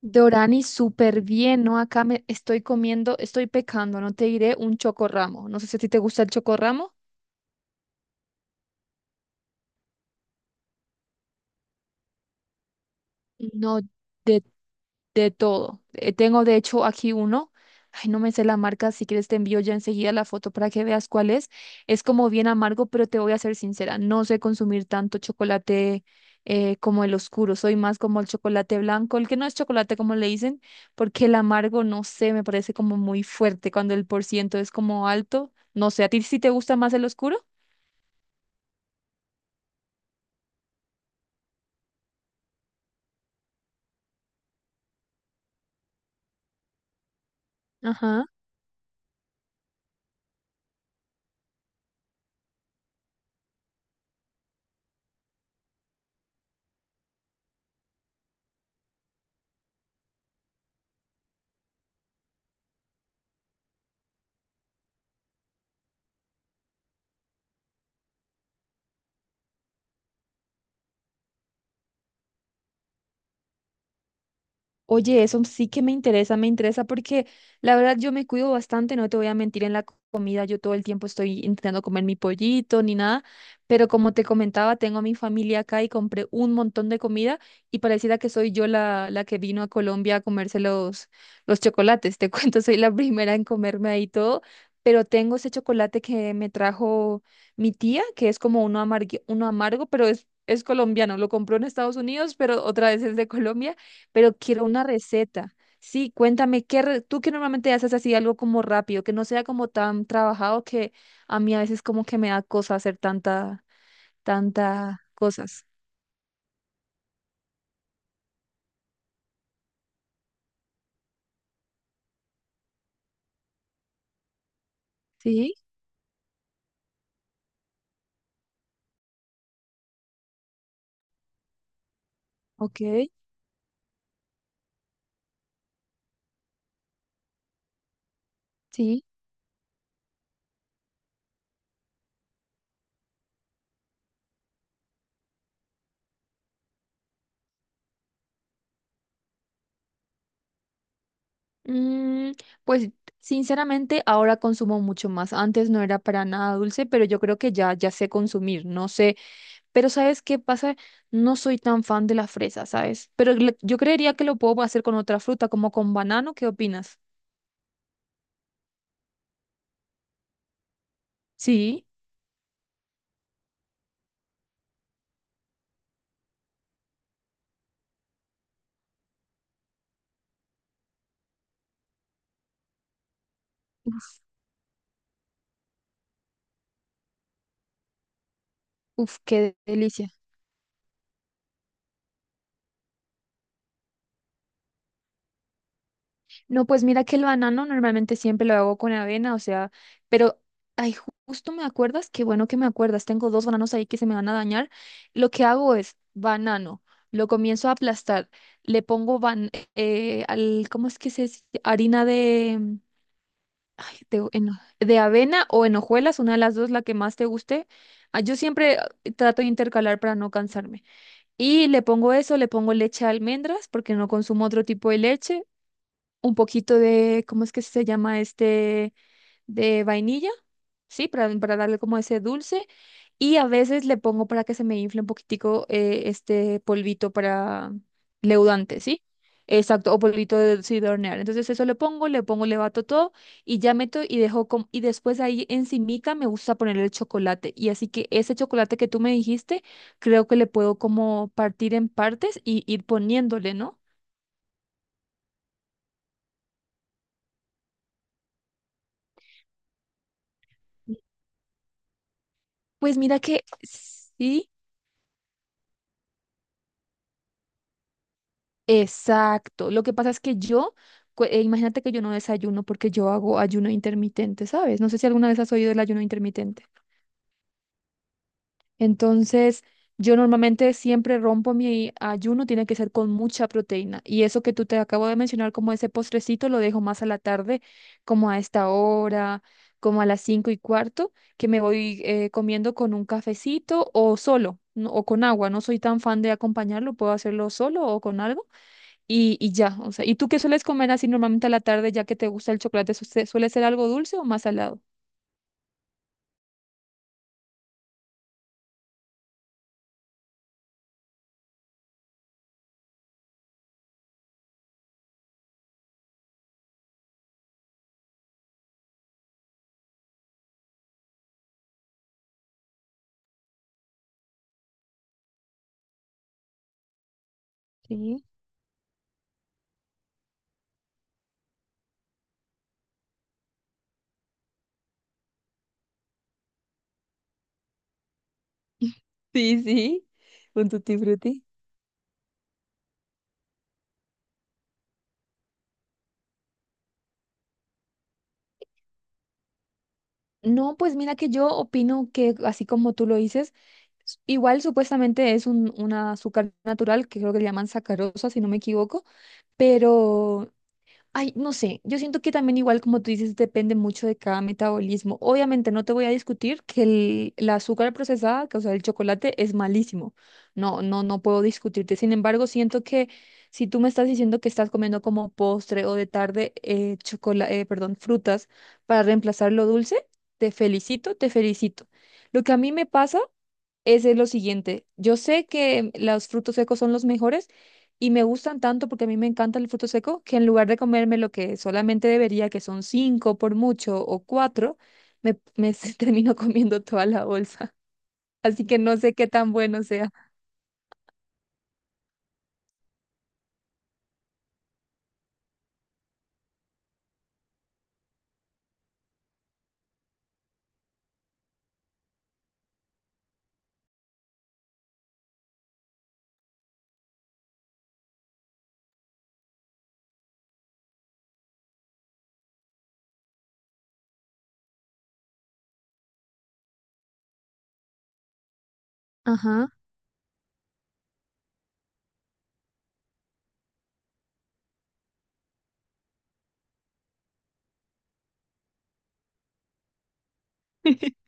Dorani, súper bien, ¿no? Acá me estoy comiendo, estoy pecando, no te diré un chocorramo. No sé si a ti te gusta el chocorramo. No, de De todo. Tengo de hecho aquí uno. Ay, no me sé la marca. Si quieres te envío ya enseguida la foto para que veas cuál es. Es como bien amargo, pero te voy a ser sincera. No sé consumir tanto chocolate como el oscuro. Soy más como el chocolate blanco, el que no es chocolate como le dicen, porque el amargo, no sé, me parece como muy fuerte cuando el por ciento es como alto. No sé, ¿a ti sí te gusta más el oscuro? Ajá. Oye, eso sí que me interesa porque la verdad yo me cuido bastante, no te voy a mentir en la comida, yo todo el tiempo estoy intentando comer mi pollito ni nada, pero como te comentaba, tengo a mi familia acá y compré un montón de comida y pareciera que soy yo la que vino a Colombia a comerse los chocolates, te cuento, soy la primera en comerme ahí todo, pero tengo ese chocolate que me trajo mi tía, que es como uno amargo, pero es... Es colombiano, lo compró en Estados Unidos, pero otra vez es de Colombia. Pero quiero una receta. Sí, cuéntame, tú que normalmente haces así algo como rápido, que no sea como tan trabajado que a mí a veces como que me da cosa hacer tanta, tanta cosas? Sí, ok, sí. Mm, pues sinceramente ahora consumo mucho más. Antes no era para nada dulce, pero yo creo que ya sé consumir, no sé. Pero ¿sabes qué pasa? No soy tan fan de la fresa, ¿sabes? Pero yo creería que lo puedo hacer con otra fruta, como con banano, ¿qué opinas? Sí. Uf, qué delicia. No, pues mira que el banano normalmente siempre lo hago con avena, o sea, pero, ay, justo me acuerdas, qué bueno que me acuerdas, tengo dos bananos ahí que se me van a dañar. Lo que hago es banano, lo comienzo a aplastar, le pongo ban al, ¿cómo es que se dice? Harina de, ay, de avena o en hojuelas, una de las dos, la que más te guste. Ah, Yo siempre ah, Trato de intercalar para no cansarme. Y le pongo eso, le pongo leche de almendras porque no consumo otro tipo de leche, un poquito de, ¿cómo es que se llama este? De vainilla, ¿sí? Para darle como ese dulce. Y a veces le pongo para que se me infle un poquitico este polvito para leudante, ¿sí? Exacto, o polvito de, sí, de hornear. Entonces eso le pongo, le pongo, le bato todo y ya meto y y después ahí encimica me gusta ponerle el chocolate. Y así que ese chocolate que tú me dijiste, creo que le puedo como partir en partes y ir poniéndole, ¿no? Pues mira que sí. Exacto. Lo que pasa es que imagínate que yo no desayuno porque yo hago ayuno intermitente, ¿sabes? No sé si alguna vez has oído del ayuno intermitente. Entonces, yo normalmente siempre rompo mi ayuno, tiene que ser con mucha proteína. Y eso que tú te acabo de mencionar, como ese postrecito, lo dejo más a la tarde, como a esta hora, como a las cinco y cuarto, que me voy comiendo con un cafecito o solo, o con agua. No soy tan fan de acompañarlo, puedo hacerlo solo o con algo y ya, o sea, ¿y tú qué sueles comer así normalmente a la tarde, ya que te gusta el chocolate? Suele ser algo dulce o más salado? Sí. Sí, sí, un tutti frutti. No, pues mira que yo opino que así como tú lo dices, igual supuestamente es un azúcar natural que creo que le llaman sacarosa, si no me equivoco, pero ay, no sé, yo siento que también igual como tú dices, depende mucho de cada metabolismo. Obviamente no te voy a discutir que la azúcar procesada, que, o sea, el chocolate es malísimo. No, no, no puedo discutirte. Sin embargo, siento que si tú me estás diciendo que estás comiendo como postre o de tarde perdón, frutas para reemplazar lo dulce, te felicito, te felicito. Lo que a mí me pasa es de lo siguiente. Yo sé que los frutos secos son los mejores y me gustan tanto porque a mí me encanta el fruto seco que en lugar de comerme lo que solamente debería, que son cinco por mucho o cuatro, me termino comiendo toda la bolsa. Así que no sé qué tan bueno sea. Ajá.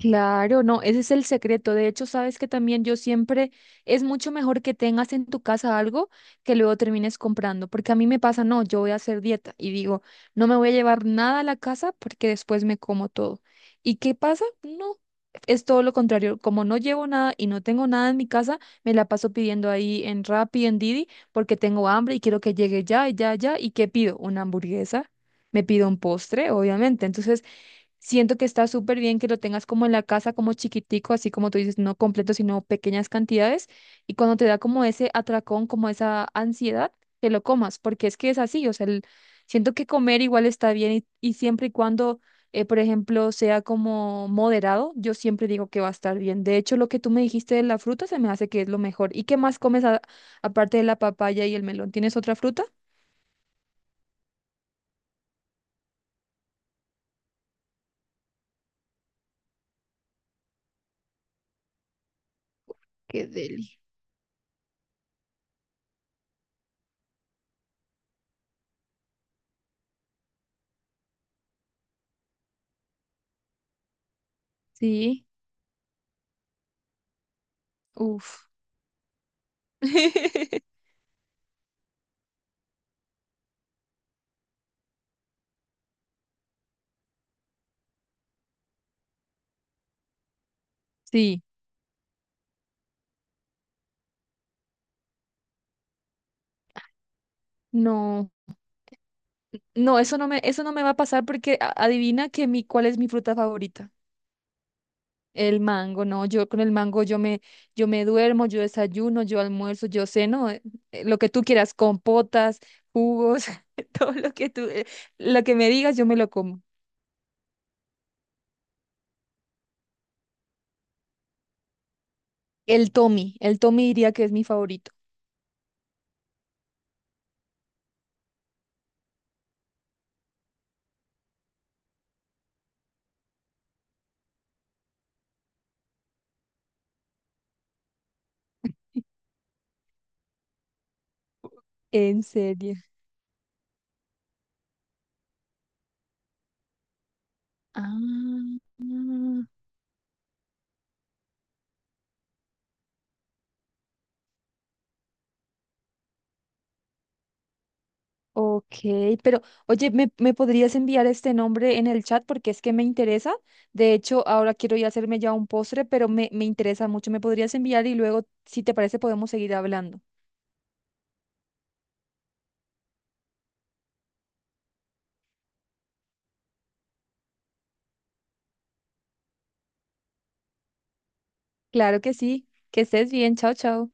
Claro, no, ese es el secreto. De hecho, sabes que también yo siempre es mucho mejor que tengas en tu casa algo que luego termines comprando, porque a mí me pasa, no, yo voy a hacer dieta y digo, no me voy a llevar nada a la casa porque después me como todo. ¿Y qué pasa? No, es todo lo contrario. Como no llevo nada y no tengo nada en mi casa, me la paso pidiendo ahí en Rappi, en Didi, porque tengo hambre y quiero que llegue ya, ya, ya. ¿Y qué pido? Una hamburguesa. Me pido un postre, obviamente. Entonces, siento que está súper bien que lo tengas como en la casa, como chiquitico, así como tú dices, no completo, sino pequeñas cantidades. Y cuando te da como ese atracón, como esa ansiedad, te lo comas, porque es que es así, o sea, siento que comer igual está bien y siempre y cuando, por ejemplo, sea como moderado, yo siempre digo que va a estar bien. De hecho, lo que tú me dijiste de la fruta se me hace que es lo mejor. ¿Y qué más comes aparte de la papaya y el melón? ¿Tienes otra fruta? Sí, uff. Sí. No. No, eso no me va a pasar porque adivina que cuál es mi fruta favorita. El mango, no, yo con el mango yo me duermo, yo desayuno, yo almuerzo, yo ceno, lo que tú quieras, compotas, jugos, todo lo que lo que me digas, yo me lo como. El Tommy diría que es mi favorito. En serio. Ah, ok, pero oye, me podrías enviar este nombre en el chat porque es que me interesa? De hecho, ahora quiero ir a hacerme ya un postre, me interesa mucho. ¿Me podrías enviar y luego, si te parece, podemos seguir hablando? Claro que sí. Que estés bien. Chao, chao.